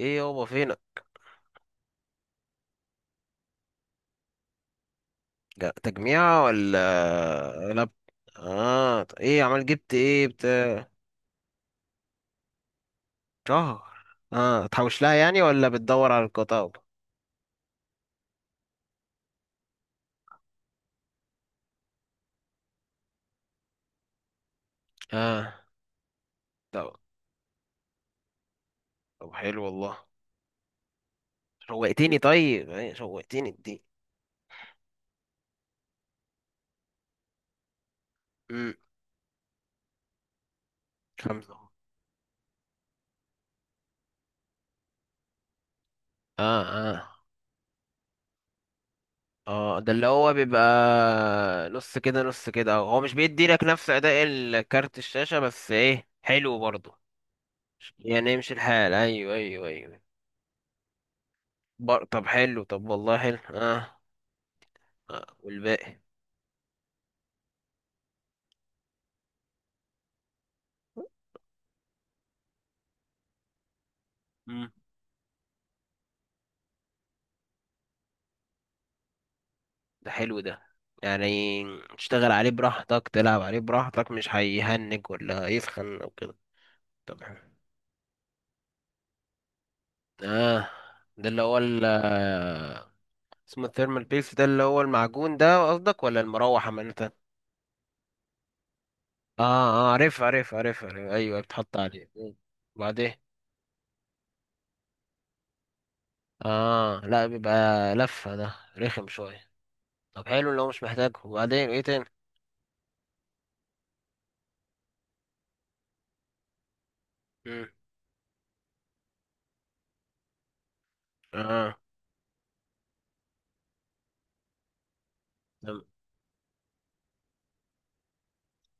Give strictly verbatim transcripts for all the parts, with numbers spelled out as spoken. ايه يابا فينك؟ جا- تجميع ولا لاب؟ اه، ط- ايه عمال جبت؟ ايه بتاع؟ شهر؟ اه، تحوش لها يعني ولا بتدور على القطع؟ اه، طب طب حلو والله. شوقتني، طيب ايه شوقتني دي؟ امم خمسة اهو. اه، اه، اه، ده اللي هو بيبقى نص كده نص كده، هو مش بيدي لك نفس اداء الكارت الشاشة، بس ايه حلو برضه. يعني يمشي الحال، ايوه، ايوه، ايوه. بر... طب حلو، طب والله حلو. اه، آه، والباقي. مم. ده حلو ده، يعني تشتغل عليه براحتك، تلعب عليه براحتك، مش هيهنج ولا يسخن او كده. تمام. اه، ده اللي هو ال آه، اسمه الثيرمال بيلز، ده اللي هو المعجون ده قصدك ولا المروحة عامة؟ اه اه، عارف عارف عارف عارف. ايوه بتحط عليه. مم. وبعدين؟ اه، لا بيبقى لفة، ده رخم شوية. طب حلو لو مش محتاجه. وبعدين ايه تاني؟ مم. اه،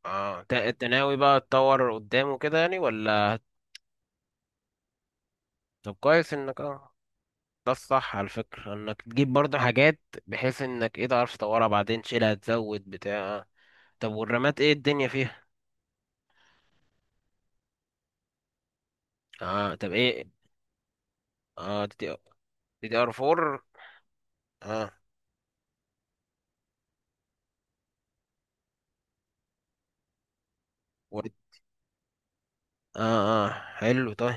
اه تا- انت ناوي بقى تطور قدامه كده يعني ولا؟ طب كويس انك اه، ده الصح على فكرة انك تجيب برضه حاجات، بحيث انك ايه تعرف تطورها بعدين، تشيلها تزود بتاع. طب والرامات ايه الدنيا فيها؟ اه، طب ايه؟ اه، دي دي ار اربعة. اه، و... اه، اه، حلو طيب.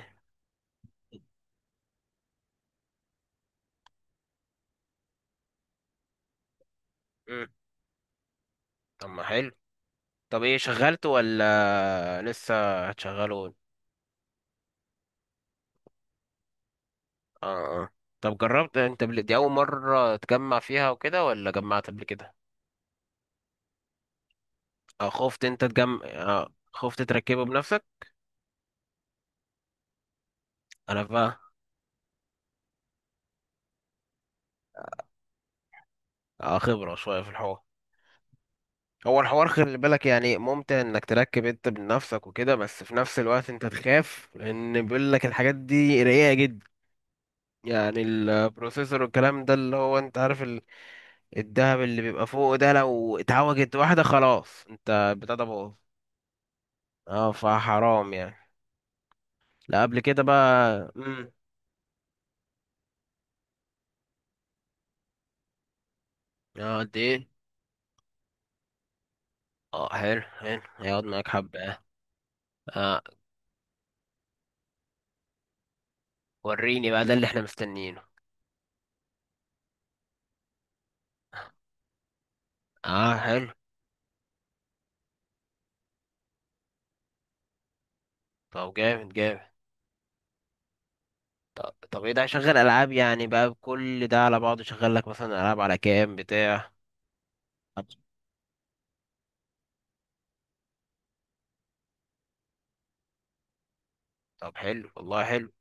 مم. طب ما حلو. طب ايه شغلته ولا لسه هتشغله؟ اه، اه، طب جربت انت، بل- دي اول مرة تجمع فيها وكده ولا جمعت قبل كده؟ آه، خفت انت تجم آه، خفت تركبه بنفسك. انا بقى آه، خبرة شوية في الحوار. هو الحوار خلي بالك يعني ممتع انك تركب انت بنفسك وكده، بس في نفس الوقت انت تخاف، لان بيقول لك الحاجات دي رقيقة جدا، يعني البروسيسور والكلام ده اللي هو انت عارف ال- الدهب اللي بيبقى فوق ده، لو اتعوجت واحدة خلاص انت بتاع ده باظ. اه، فحرام يعني. لا قبل كده بقى امم اه، قد ايه؟ اه، حلو حلو، هيقعد معاك حبة اه. آه، وريني بقى ده اللي احنا مستنيينه. اه، حلو. طب جامد جامد. طب، طب ايه ده؟ شغل العاب يعني بقى كل ده على بعضه؟ شغل لك مثلا العاب على كام بتاع؟ طب، طب حلو والله حلو.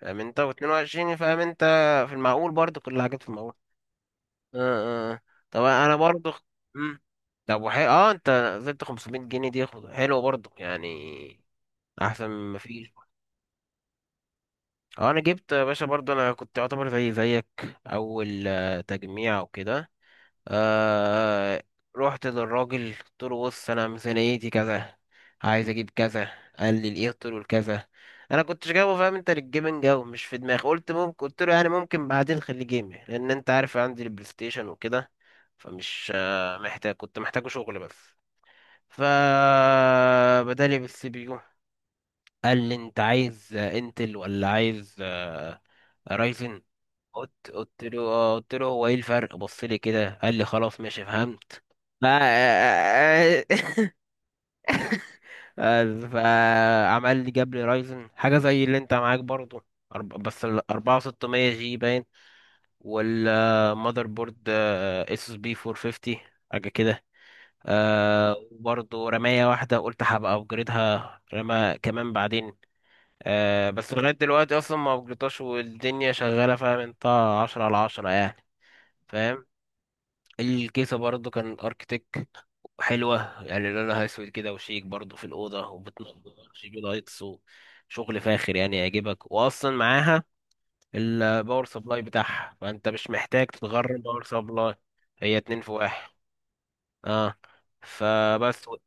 فاهم انت، و22 فاهم انت، في المعقول برضه، كل الحاجات في المعقول. اه، اه، آه. طب انا برضه خ- مم. طب وحي... اه، انت نزلت خمسمائة جنيه دي، خد- حلوه برضه يعني، احسن ما فيش. اه، انا جبت يا باشا برضه، انا كنت يعتبر زي زيك، اول آه، تجميع وكده. آه، رحت للراجل قلت له بص، انا ميزانيتي كذا، عايز اجيب كذا. قال لي الايه؟ قلت له الكذا. انا كنتش جايبه فاهم انت للجيمنج، او مش في دماغي، قلت ممكن، قلت له يعني ممكن بعدين خلي جيم، لان انت عارف عندي البلاي ستيشن وكده. فمش آه، محتاج، كنت محتاجه شغل بس. فبدالي بالسي بي يو. قال لي انت عايز آه، انتل ولا عايز آه، رايزن. قلت قلت له اه، قلت له هو ايه الفرق؟ بص لي كده. قال لي خلاص ماشي، فهمت. ما- فعمل لي، جاب لي رايزن حاجه زي اللي انت معاك برضو. أرب- بس ال اربعة ستمية جي باين، والمذر بورد اس اس بي فور فيفتي، حاجه كده. آه، وبرضه رماية واحدة، قلت هبقى أبجريدها رمى كمان بعدين. آه، بس لغاية دلوقتي أصلا ما أبجريدتهاش والدنيا شغالة، فاهم أنت، عشرة على عشرة يعني. فاهم؟ الكيسة برضو كان اركتيك، حلوة يعني، لونها اسود كده وشيك، برضو في الأوضة، وبتنور جي بي لايتس، وشغل فاخر يعني يعجبك. وأصلا معاها الباور سبلاي بتاعها، فأنت مش محتاج تتغرب باور سبلاي، هي اتنين في واحد. اه، فبس و-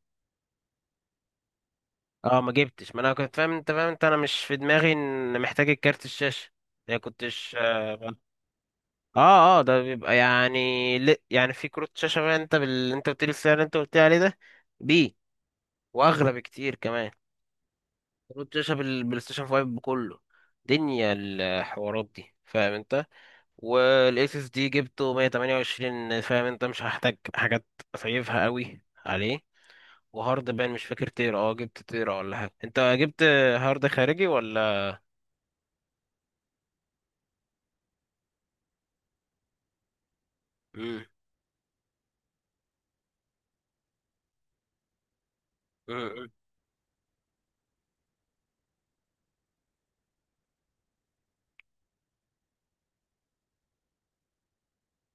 اه، ما جبتش. ما انا كنت فاهم انت، فاهم انت انا مش في دماغي ان محتاج الكارت الشاشة، يعني كنتش. اه اه، ده بيبقى يعني ل... يعني في كروت شاشة بقى انت بال... انت قلت لي السعر اللي انت قلت لي عليه ده بيه، واغلى بكتير كمان. كنت شايف البلاي ستيشن فايف كله، دنيا الحوارات دي، فاهم انت. والاس اس دي جبته مية وتمانية وعشرين، فاهم انت، مش هحتاج حاجات اسيفها قوي عليه. وهارد بان مش فاكر تيرا، اه جبت تيرا ولا حاجه انت؟ جبت هارد خارجي ولا؟ مم. مم.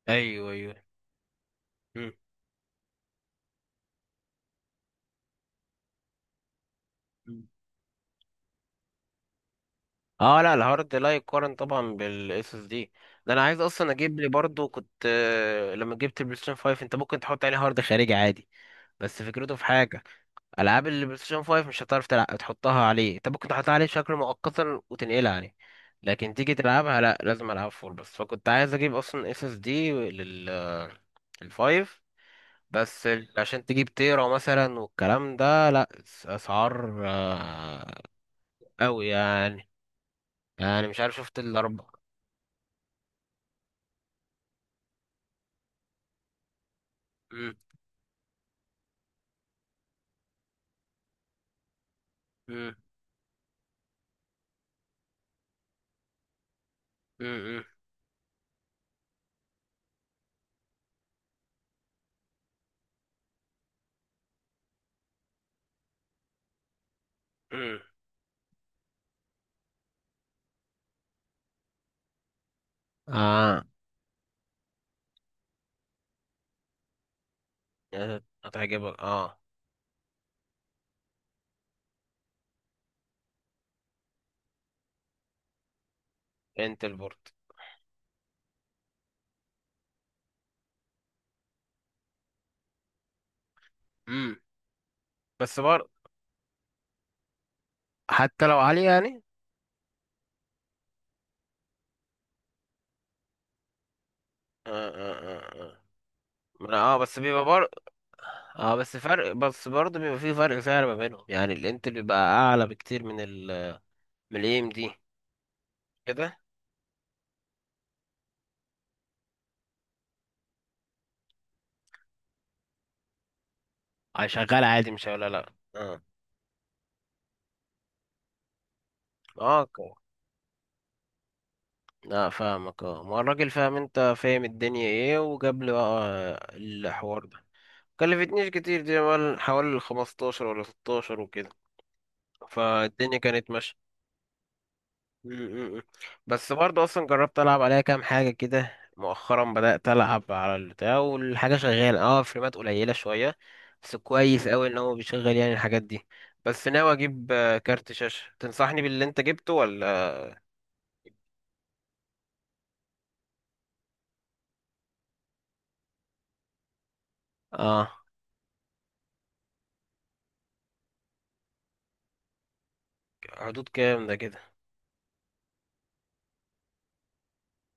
ايوه، ايوه. مم. مم. اه، لا، الهارد لا يقارن طبعا بالاس اس دي. ده انا عايز اصلا اجيب لي برضو، كنت آه، لما جبت البلاي ستيشن فايف انت ممكن تحط عليه هارد خارجي عادي، بس فكرته في حاجه، العاب البلاي ستيشن فايف مش هتعرف تلع... تحطها عليه. انت ممكن تحطها عليه بشكل مؤقتا وتنقلها عليه، لكن تيجي تلعبها لا، لازم العب فول. بس فكنت عايز اجيب اصلا اس اس دي لل الفايف، بس ال- عشان تجيب تيرا مثلا والكلام ده لا، اس- اسعار آه، قوي يعني، يعني مش عارف شفت الاربع. مم، مم، مم، مم، مم. اه، هتعجبك اه. انت البورد. مم. بس برضه حتى لو عالية يعني. آه آه آه آه. اه، بس بيبقى برضه. اه، بس فرق، بس برضه بيبقى فيه فرق سعر ما بينهم، يعني الانتل بيبقى اعلى بكتير من ال من الاي ام دي كده. اه، شغال عادي، مش ولا لا اه. اه، اوكي. لا فاهمك اه، ما هو الراجل فاهم انت، فاهم الدنيا ايه، وجاب لي بقى آه، الحوار ده. كلفتنيش كتير دي، مال- حوالي خمستاشر ولا ستاشر وكده، فالدنيا كانت ماشية. م- م- بس برضه اصلا جربت العب عليها كام حاجه كده مؤخرا، بدات العب على البتاع، والحاجه شغاله اه، فريمات قليله شويه، بس كويس قوي ان هو بيشغل يعني الحاجات دي. بس ناوي اجيب آه، كارت شاشه، تنصحني باللي انت جبته ولا؟ اه، حدود كام ده كده؟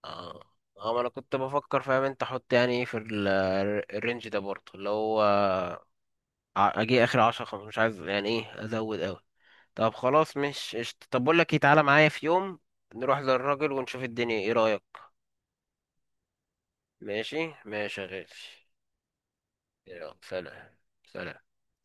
اه اه، ما انا كنت بفكر فاهم انت، احط يعني ايه في ال- الرينج ده برضه اللي هو، ع- اجي اخر عشرة خمسة، مش عايز يعني ايه ازود. طب خلاص مش قشطة. طب بقول لك إيه، تعالى معايا في يوم نروح للراجل ونشوف الدنيا، ايه رأيك؟ ماشي ماشي يا غالي. يلا سلام. سلام.